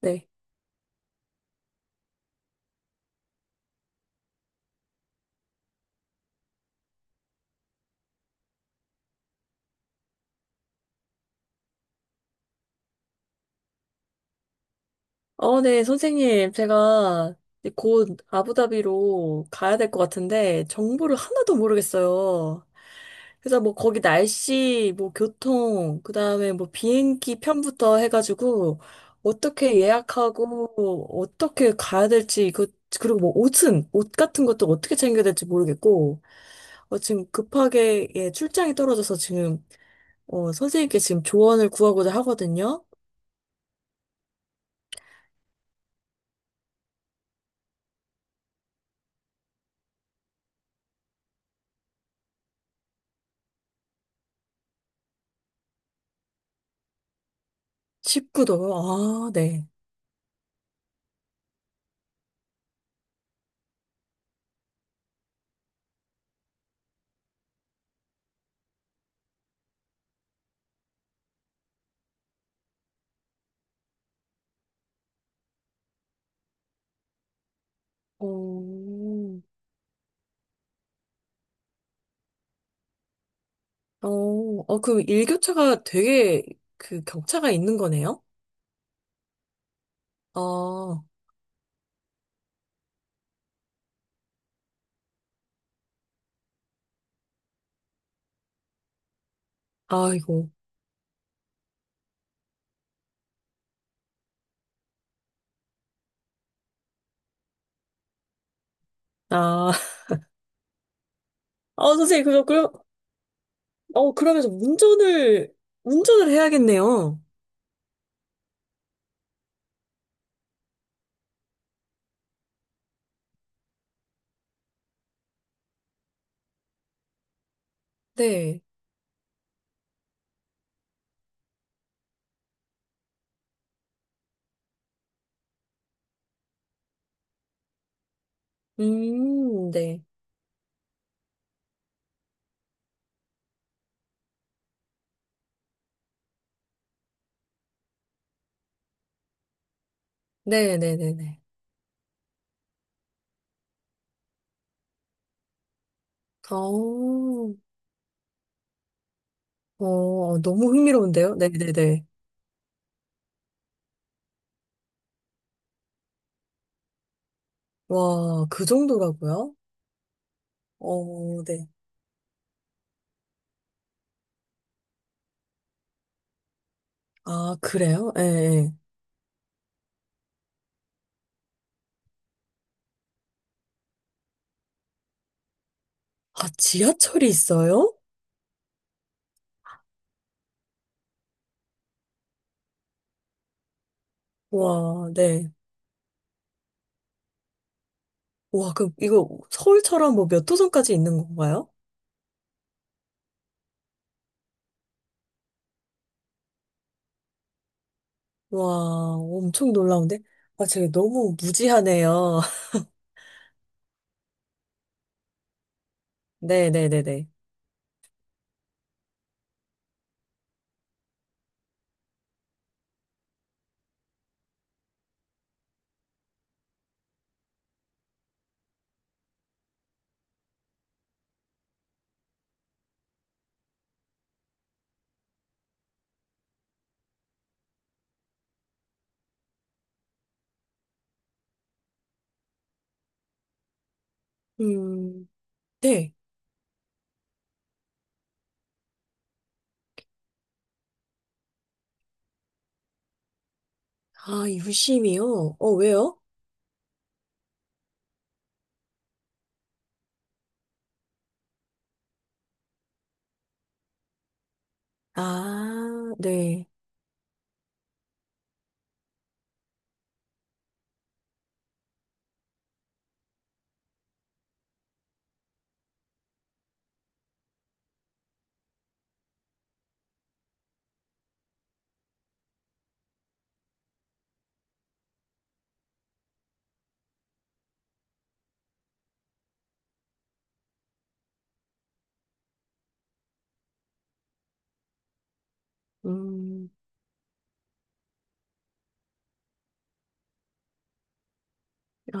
네. 어, 네, 선생님. 제가 이제 곧 아부다비로 가야 될 것 같은데, 정보를 하나도 모르겠어요. 그래서 뭐 거기 날씨, 뭐 교통, 그 다음에 뭐 비행기 편부터 해가지고, 어떻게 예약하고, 어떻게 가야 될지, 그, 그리고 뭐 옷은, 옷 같은 것도 어떻게 챙겨야 될지 모르겠고, 어, 지금 급하게, 예, 출장이 떨어져서 지금, 어, 선생님께 지금 조언을 구하고자 하거든요. 19도, 아, 네. 오, 어, 어, 그럼 일교차가 되게 그 격차가 있는 거네요? 아, 아이고. 아, 어, 선생님, 그럼, 어, 그러면서 운전을 해야겠네요. 네. 네. 네네네네. 어, 어, 어, 너무 흥미로운데요? 네네네. 와, 그 정도라고요? 어, 네. 아, 그래요? 예, 예. 아, 지하철이 있어요? 와, 네. 와, 그, 이거 서울처럼 뭐 몇 호선까지 있는 건가요? 와, 엄청 놀라운데? 아, 제가 너무 무지하네요. 네네네네. 음, 네. 아, 유심이요? 어, 왜요? 아, 네. 음, 아,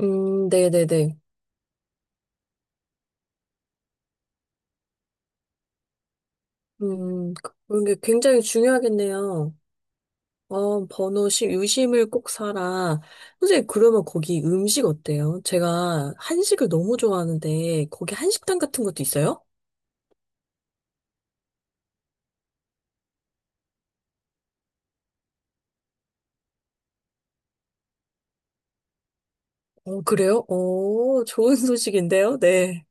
네네네. 음, 그런 게 굉장히 중요하겠네요. 어, 번호 시 유심을 꼭 사라. 선생님, 그러면 거기 음식 어때요? 제가 한식을 너무 좋아하는데, 거기 한식당 같은 것도 있어요? 어, 그래요? 오, 좋은 소식인데요? 네.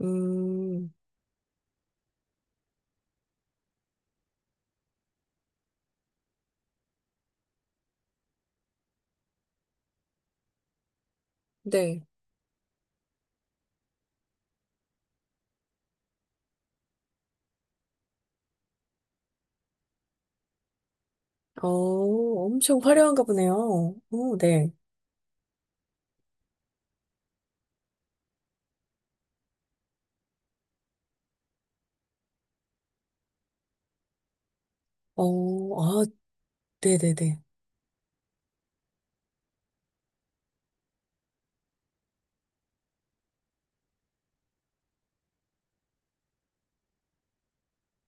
음, 네. 어, 엄청 화려한가 보네요. 오, 네. 어, 아, 네네네.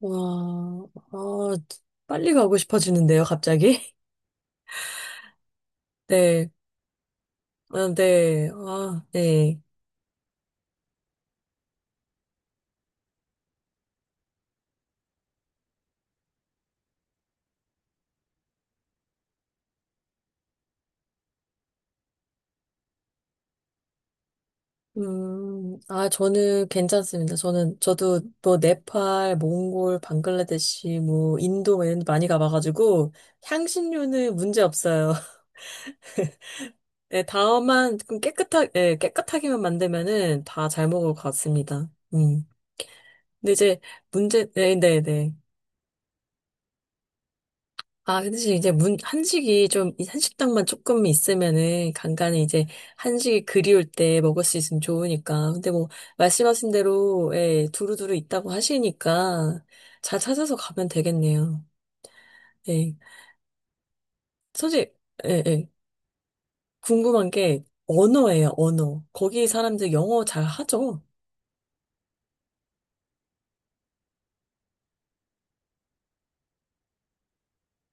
와, 아, 빨리 가고 싶어지는데요, 갑자기? 네. 아, 네. 아, 네. 아, 저는 괜찮습니다. 저도 뭐, 네팔, 몽골, 방글라데시, 뭐, 인도, 뭐 이런 데 많이 가봐가지고, 향신료는 문제 없어요. 네, 다만 좀 깨끗하게, 네, 깨끗하게만 만들면은 다 잘 먹을 것 같습니다. 음. 근데 이제 문제, 네, 네, 네. 아, 근데 지금 이제 문, 한식이 좀, 이 한식당만 조금 있으면은 간간히 이제 한식이 그리울 때 먹을 수 있으면 좋으니까. 근데 뭐, 말씀하신 대로, 예, 두루두루 있다고 하시니까 잘 찾아서 가면 되겠네요. 네. 솔직히, 예, 예. 궁금한 게 언어예요, 언어. 거기 사람들 영어 잘 하죠?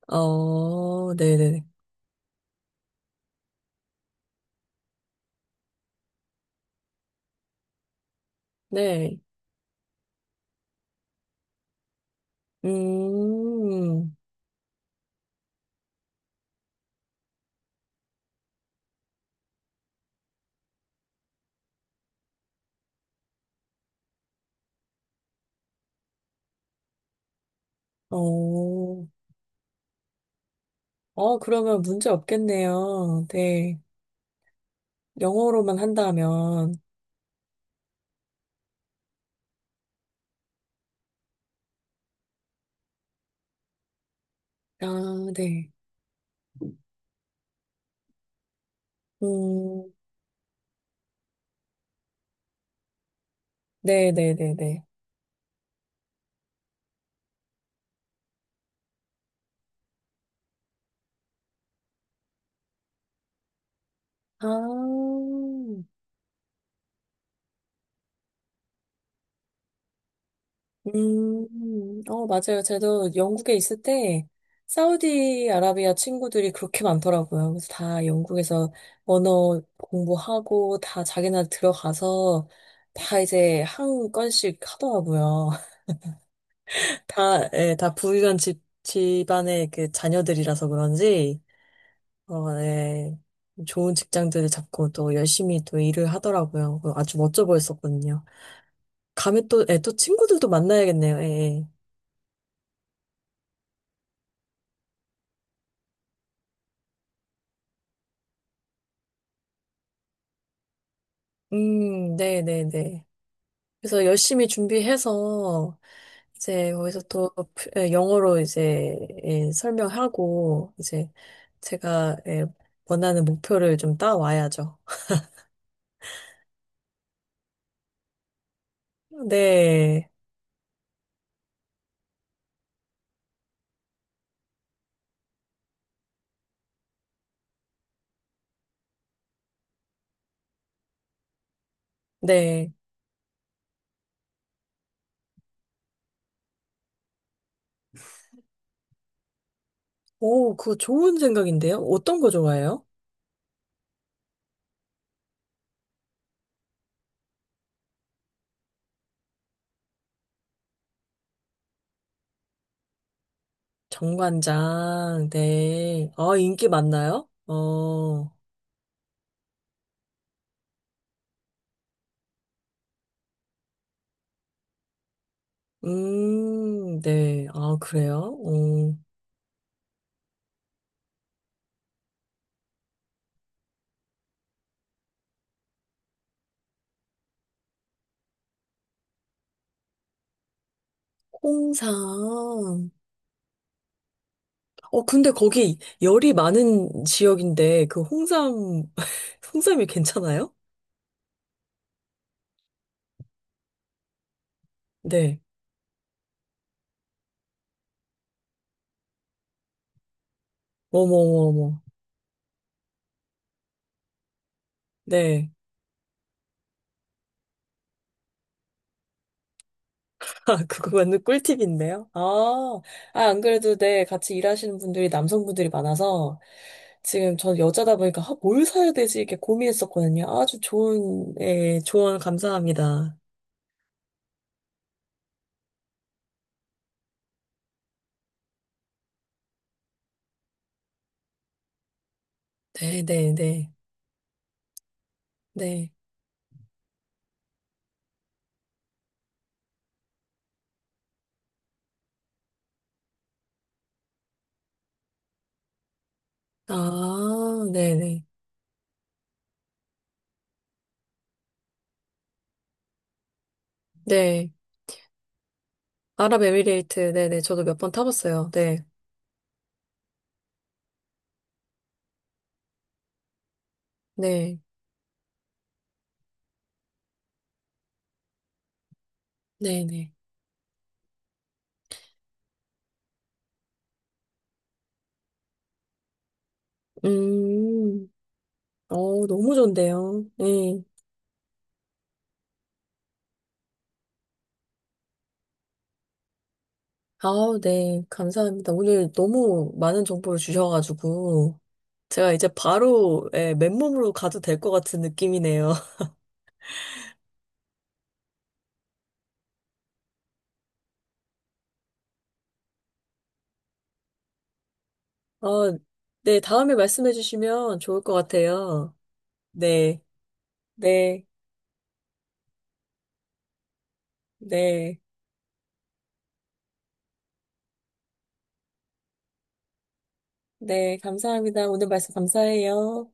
어, 네네. 네. 음, 어, 어, 그러면 문제 없겠네요. 네. 영어로만 한다면. 아, 네. 음, 네네네네. 아, 어, 맞아요. 저도 영국에 있을 때, 사우디아라비아 친구들이 그렇게 많더라고요. 그래서 다 영국에서 언어 공부하고, 다 자기네 들어가서, 다 이제 한 건씩 하더라고요. 다, 예, 다 부유한 집, 집안의 그 자녀들이라서 그런지, 어, 예, 좋은 직장들을 잡고 또 열심히 또 일을 하더라고요. 그 아주 멋져 보였었거든요. 감면 또, 예, 또 친구들도 만나야겠네요. 예, 예. 네네네. 그래서 열심히 준비해서, 이제 거기서 또 프- 예, 영어로 이제 예, 설명하고, 이제 제가 예, 원하는 목표를 좀 따와야죠. 네, 네. 오, 그거 좋은 생각인데요? 어떤 거 좋아해요? 정관장, 네. 아, 인기 많나요? 어, 네. 아, 그래요? 어, 홍삼. 어, 근데 거기 열이 많은 지역인데, 그 홍삼, 홍삼이 괜찮아요? 네. 어머머머. 네. 아, 그거 완전 꿀팁인데요? 아, 아, 안 그래도 네, 같이 일하시는 분들이 남성분들이 많아서 지금 전 여자다 보니까 아, 뭘 사야 되지? 이렇게 고민했었거든요. 아주 좋은, 예, 조언 감사합니다. 네, 네, 네, 네. 아, 네, 네. 네. 아랍에미레이트, 네, 네. 저도 몇 번 타봤어요. 네, 네, 네, 네. 음, 어, 너무 좋은데요. 네. 아, 네, 감사합니다. 오늘 너무 많은 정보를 주셔가지고, 제가 이제 바로, 예, 맨몸으로 가도 될 것 같은 느낌이네요. 아, 네, 다음에 말씀해 주시면 좋을 것 같아요. 네, 네, 네, 네, 감사합니다. 오늘 말씀 감사해요.